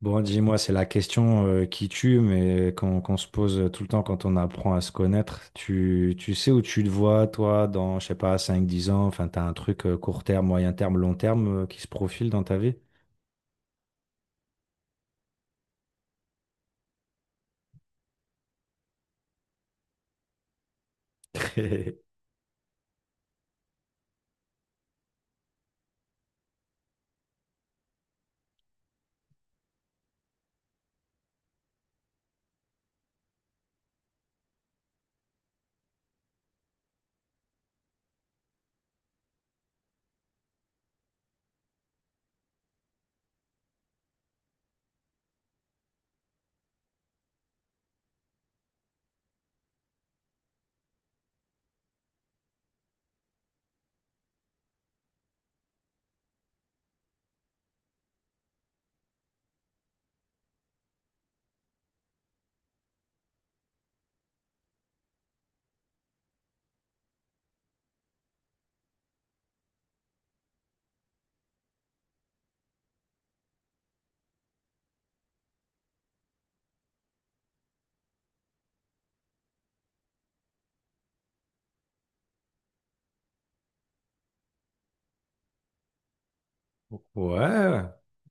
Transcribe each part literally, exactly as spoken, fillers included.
Bon, dis-moi, c'est la question euh, qui tue, mais qu'on qu'on se pose tout le temps quand on apprend à se connaître. Tu, tu sais où tu te vois, toi, dans, je sais pas, cinq, dix ans, enfin, t'as un truc euh, court terme, moyen terme, long terme euh, qui se profile dans ta vie? Ouais,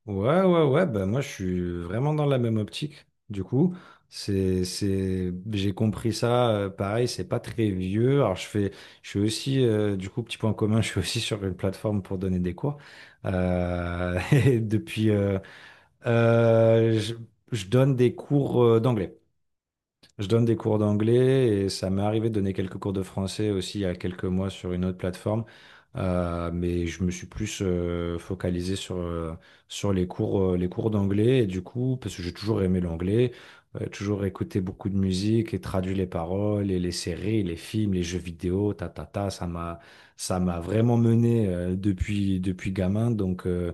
ouais, ouais, ouais, bah moi je suis vraiment dans la même optique. Du coup, c'est, c'est, j'ai compris ça, euh, pareil, c'est pas très vieux. Alors je fais, je suis aussi, euh, du coup, petit point commun, je suis aussi sur une plateforme pour donner des cours. Euh, et depuis, euh, euh, je, je donne des cours euh, d'anglais. Je donne des cours d'anglais et ça m'est arrivé de donner quelques cours de français aussi il y a quelques mois sur une autre plateforme. Euh, mais je me suis plus euh, focalisé sur, euh, sur les cours, euh, les cours d'anglais. Et du coup, parce que j'ai toujours aimé l'anglais, euh, toujours écouté beaucoup de musique et traduit les paroles et les séries, les films, les jeux vidéo, ta, ta, ta, ça m'a, ça m'a vraiment mené euh, depuis, depuis gamin. Donc, euh,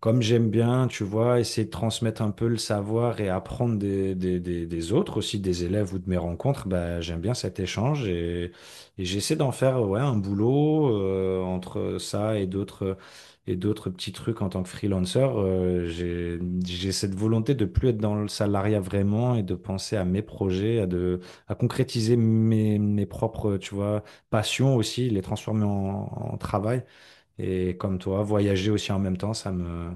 comme j'aime bien, tu vois, essayer de transmettre un peu le savoir et apprendre des, des, des, des autres aussi, des élèves ou de mes rencontres, bah, j'aime bien cet échange, et, et j'essaie d'en faire ouais, un boulot euh, entre ça et d'autres et d'autres petits trucs en tant que freelancer. Euh, j'ai, j'ai cette volonté de plus être dans le salariat vraiment et de penser à mes projets, à, de, à concrétiser mes, mes propres, tu vois, passions aussi, les transformer en en travail. Et comme toi, voyager aussi en même temps, ça me,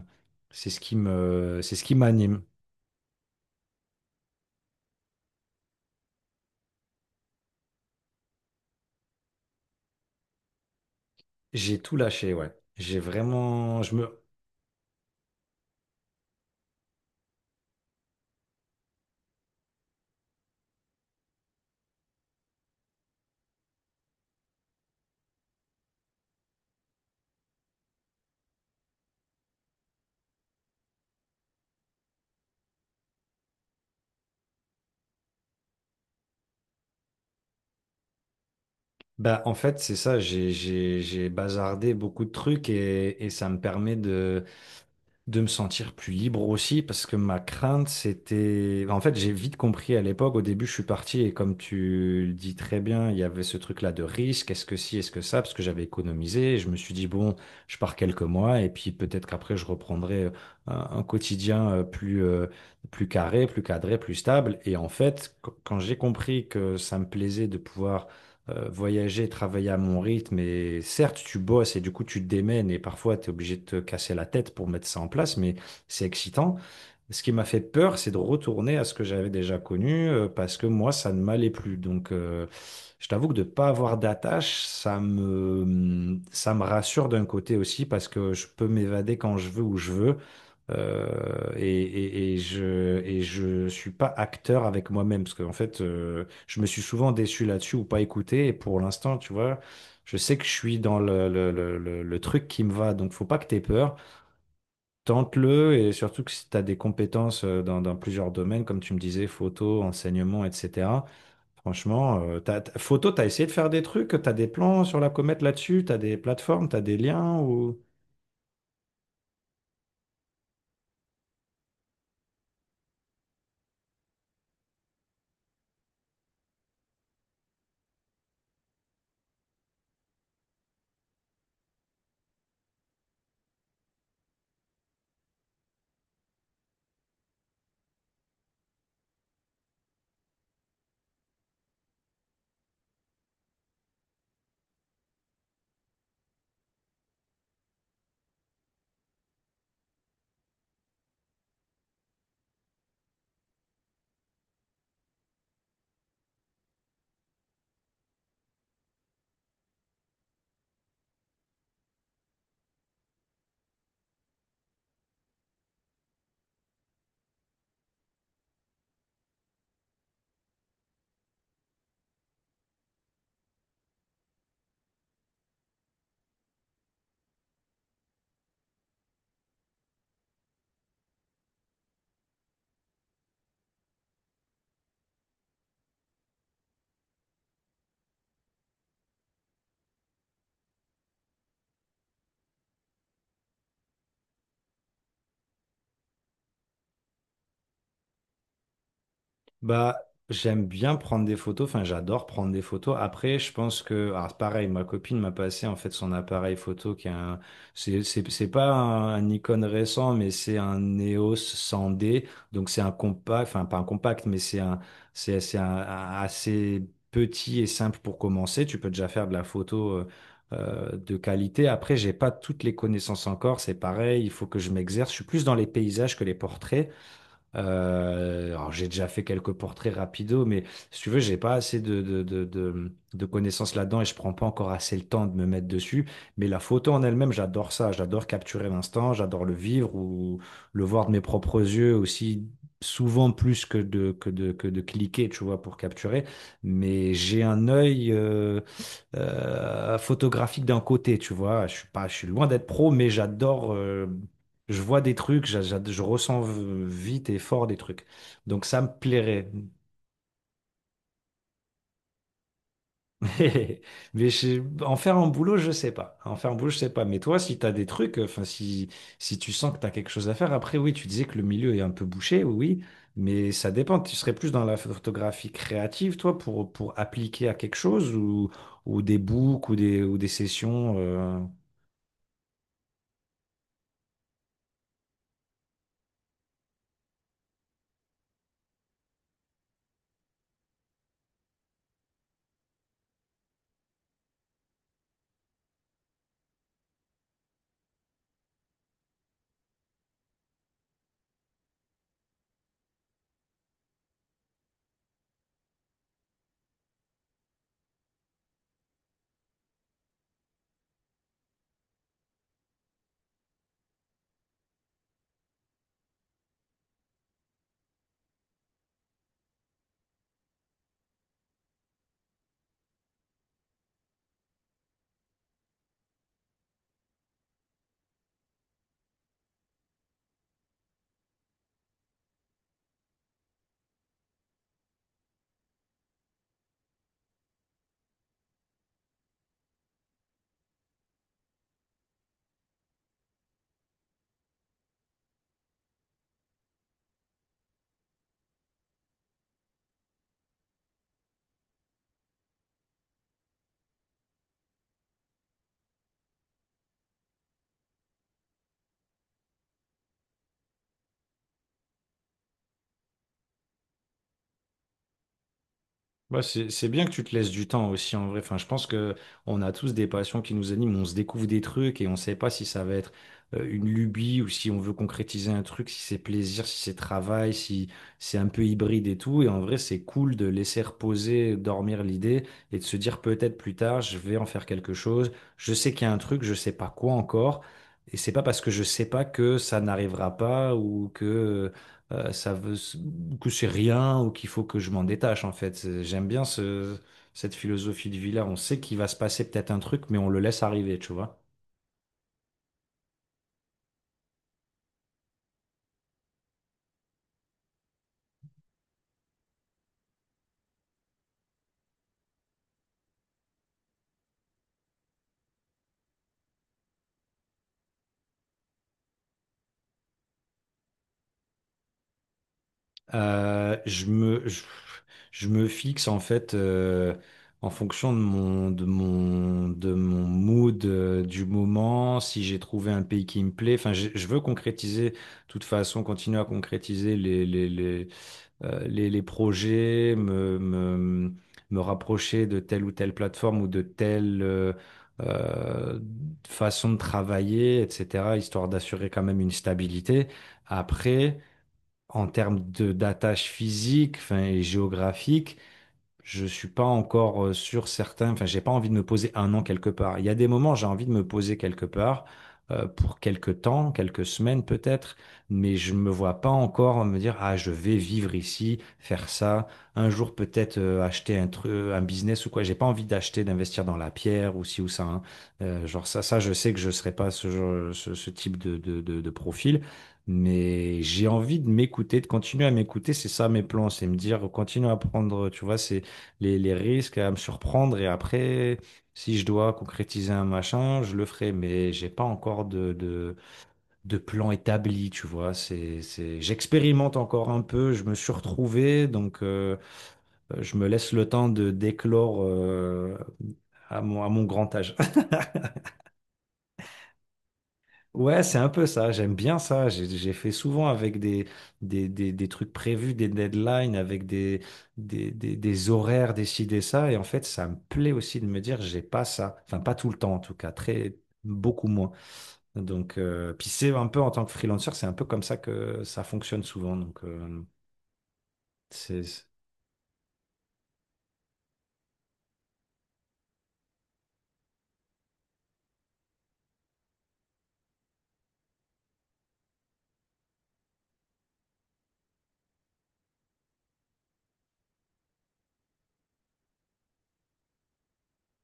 c'est ce qui me, c'est ce qui m'anime. J'ai tout lâché, ouais. J'ai vraiment, je me, Bah en fait, c'est ça. J'ai, j'ai, j'ai bazardé beaucoup de trucs, et, et ça me permet de. de me sentir plus libre aussi, parce que ma crainte, c'était... enfin, En fait, j'ai vite compris à l'époque, au début, je suis parti, et comme tu le dis très bien, il y avait ce truc-là de risque, est-ce que si, est-ce que ça, parce que j'avais économisé, et je me suis dit, bon, je pars quelques mois, et puis peut-être qu'après, je reprendrai euh, un, un quotidien euh, plus, euh, plus carré, plus cadré, plus stable. Et en fait, qu- quand j'ai compris que ça me plaisait de pouvoir euh, voyager, travailler à mon rythme. Et certes, tu bosses et du coup, tu te démènes et parfois, tu es obligé de te casser la tête pour mettre ça en place, mais c'est excitant. Ce qui m'a fait peur, c'est de retourner à ce que j'avais déjà connu euh, parce que moi, ça ne m'allait plus. Donc, euh, je t'avoue que de ne pas avoir d'attache, ça me, mm, ça me rassure d'un côté aussi parce que je peux m'évader quand je veux, où je veux. Euh, et, et, et je et je suis pas acteur avec moi-même parce qu'en fait, euh, je me suis souvent déçu là-dessus ou pas écouté. Et pour l'instant, tu vois, je sais que je suis dans le, le, le, le- le truc qui me va. Donc, faut pas que tu aies peur. Tente-le, et surtout que si tu as des compétences euh, dans, dans plusieurs domaines, comme tu me disais, photo, enseignement, et cetera. Franchement, euh, t'as- t'as- photo, tu as essayé de faire des trucs, tu as des plans sur la comète là-dessus, tu as des plateformes, tu as des liens ou... Bah, j'aime bien prendre des photos, enfin j'adore prendre des photos. Après, je pense que, alors pareil, ma copine m'a passé en fait son appareil photo qui est un, c'est c'est- c'est pas un, un Nikon récent, mais c'est un E O S cent D, donc c'est un compact, enfin pas un compact, mais c'est un, c'est c'est un- un- assez petit et simple pour commencer. Tu peux déjà faire de la photo. Euh, euh, de qualité. Après, j'ai pas toutes les connaissances encore, c'est pareil, il faut que je m'exerce. Je suis plus dans les paysages que les portraits. Euh, alors j'ai déjà fait quelques portraits rapido, mais si tu veux, j'ai pas assez de, de, de, de- de connaissances là-dedans et je prends pas encore assez le temps de me mettre dessus. Mais la photo en elle-même, j'adore ça. J'adore capturer l'instant, j'adore le vivre ou le voir de mes propres yeux aussi, souvent plus que de, que de, que de cliquer, tu vois, pour capturer. Mais j'ai un œil euh, euh, photographique d'un côté, tu vois. Je suis pas, Je suis loin d'être pro, mais j'adore. Euh, je vois des trucs, j'a- j'a- je ressens v- vite et fort des trucs. Donc ça me plairait. Mais mais je- en faire un boulot, je sais pas. En faire un boulot, je sais pas. Mais toi, si tu as des trucs, enfin si, si tu sens que tu as quelque chose à faire, après oui, tu disais que le milieu est un peu bouché, oui, oui. Mais ça dépend. Tu serais plus dans la photographie créative, toi, pour, pour appliquer à quelque chose ou, ou des books ou des, ou des sessions. Euh. Ouais, c'est, c'est bien que tu te laisses du temps aussi en vrai. Enfin, je pense que on a tous des passions qui nous animent, on se découvre des trucs et on ne sait pas si ça va être euh, une lubie ou si on veut concrétiser un truc, si c'est plaisir, si c'est travail, si c'est un peu hybride et tout. Et en vrai, c'est cool de laisser reposer, dormir l'idée et de se dire peut-être plus tard, je vais en faire quelque chose. Je sais qu'il y a un truc, je sais pas quoi encore. Et c'est pas parce que je sais pas que ça n'arrivera pas ou que euh, ça veut que c'est rien ou qu'il faut que je m'en détache en fait. C'est- J'aime bien ce, cette philosophie de vie là. On sait qu'il va se passer peut-être un truc, mais on le laisse arriver, tu vois. Euh, je me, je, je me fixe en fait euh, en fonction de mon, de mon, de mon mood euh, du moment, si j'ai trouvé un pays qui me plaît. Enfin, je, je veux concrétiser, de toute façon, continuer à concrétiser les les les, euh, les, les projets, me, me, me rapprocher de telle ou telle plateforme ou de telle euh, euh, façon de travailler, et cetera, histoire d'assurer quand même une stabilité. Après, en termes de d'attache physique, enfin, et géographique, je suis pas encore euh, sûr certain. Enfin, j'ai pas envie de me poser un an quelque part. Il y a des moments, j'ai envie de me poser quelque part euh, pour quelque temps, quelques semaines peut-être, mais je me vois pas encore me dire, ah, je vais vivre ici, faire ça. Un jour peut-être euh, acheter un truc, un business ou quoi. J'ai pas envie d'acheter, d'investir dans la pierre ou ci ou ça, hein. Euh, genre ça, ça, je sais que je serai pas ce, genre- ce, ce type de, de, de, de profil. Mais j'ai envie de m'écouter, de continuer à m'écouter, c'est ça mes plans, c'est me dire, continue à prendre, tu vois, c'est les, les risques à me surprendre, et après, si je dois concrétiser un machin, je le ferai, mais j'ai pas encore de, de, de plan établi, tu vois. C'est, c'est, j'expérimente encore un peu, je me suis retrouvé, donc euh, je me laisse le temps de d'éclore euh, à mon, à mon grand âge. Ouais, c'est un peu ça, j'aime bien ça. J'ai j'ai fait souvent avec des, des, des, des trucs prévus, des deadlines, avec des, des, des, des horaires décidés, ça. Et en fait, ça me plaît aussi de me dire, j'ai pas ça. Enfin, pas tout le temps en tout cas, très, beaucoup moins. Donc, euh, puis c'est un peu en tant que freelanceur, c'est un peu comme ça que ça fonctionne souvent. Donc, euh, c'est, c'est-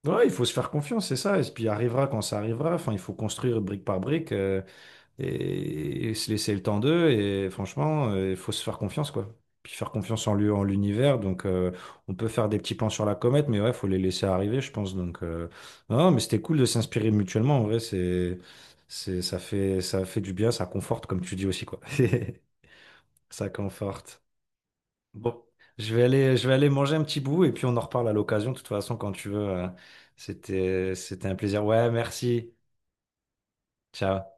ouais, il faut se faire confiance, c'est ça. Et puis, arrivera quand ça arrivera. Enfin, il faut construire brique par brique. euh, et, et se laisser le temps d'eux. Et franchement, euh, il faut se faire confiance, quoi. Puis faire confiance en lui, en l'univers. Donc, euh, on peut faire des petits plans sur la comète, mais ouais, faut les laisser arriver, je pense. Donc, euh, non, non, mais c'était cool de s'inspirer mutuellement. En vrai, c'est, c'est, ça fait, ça fait du bien, ça conforte, comme tu dis aussi, quoi. Ça conforte. Bon, je vais aller, je vais aller manger un petit bout et puis on en reparle à l'occasion. De toute façon, quand tu veux, euh, c'était, c'était un plaisir. Ouais, merci. Ciao.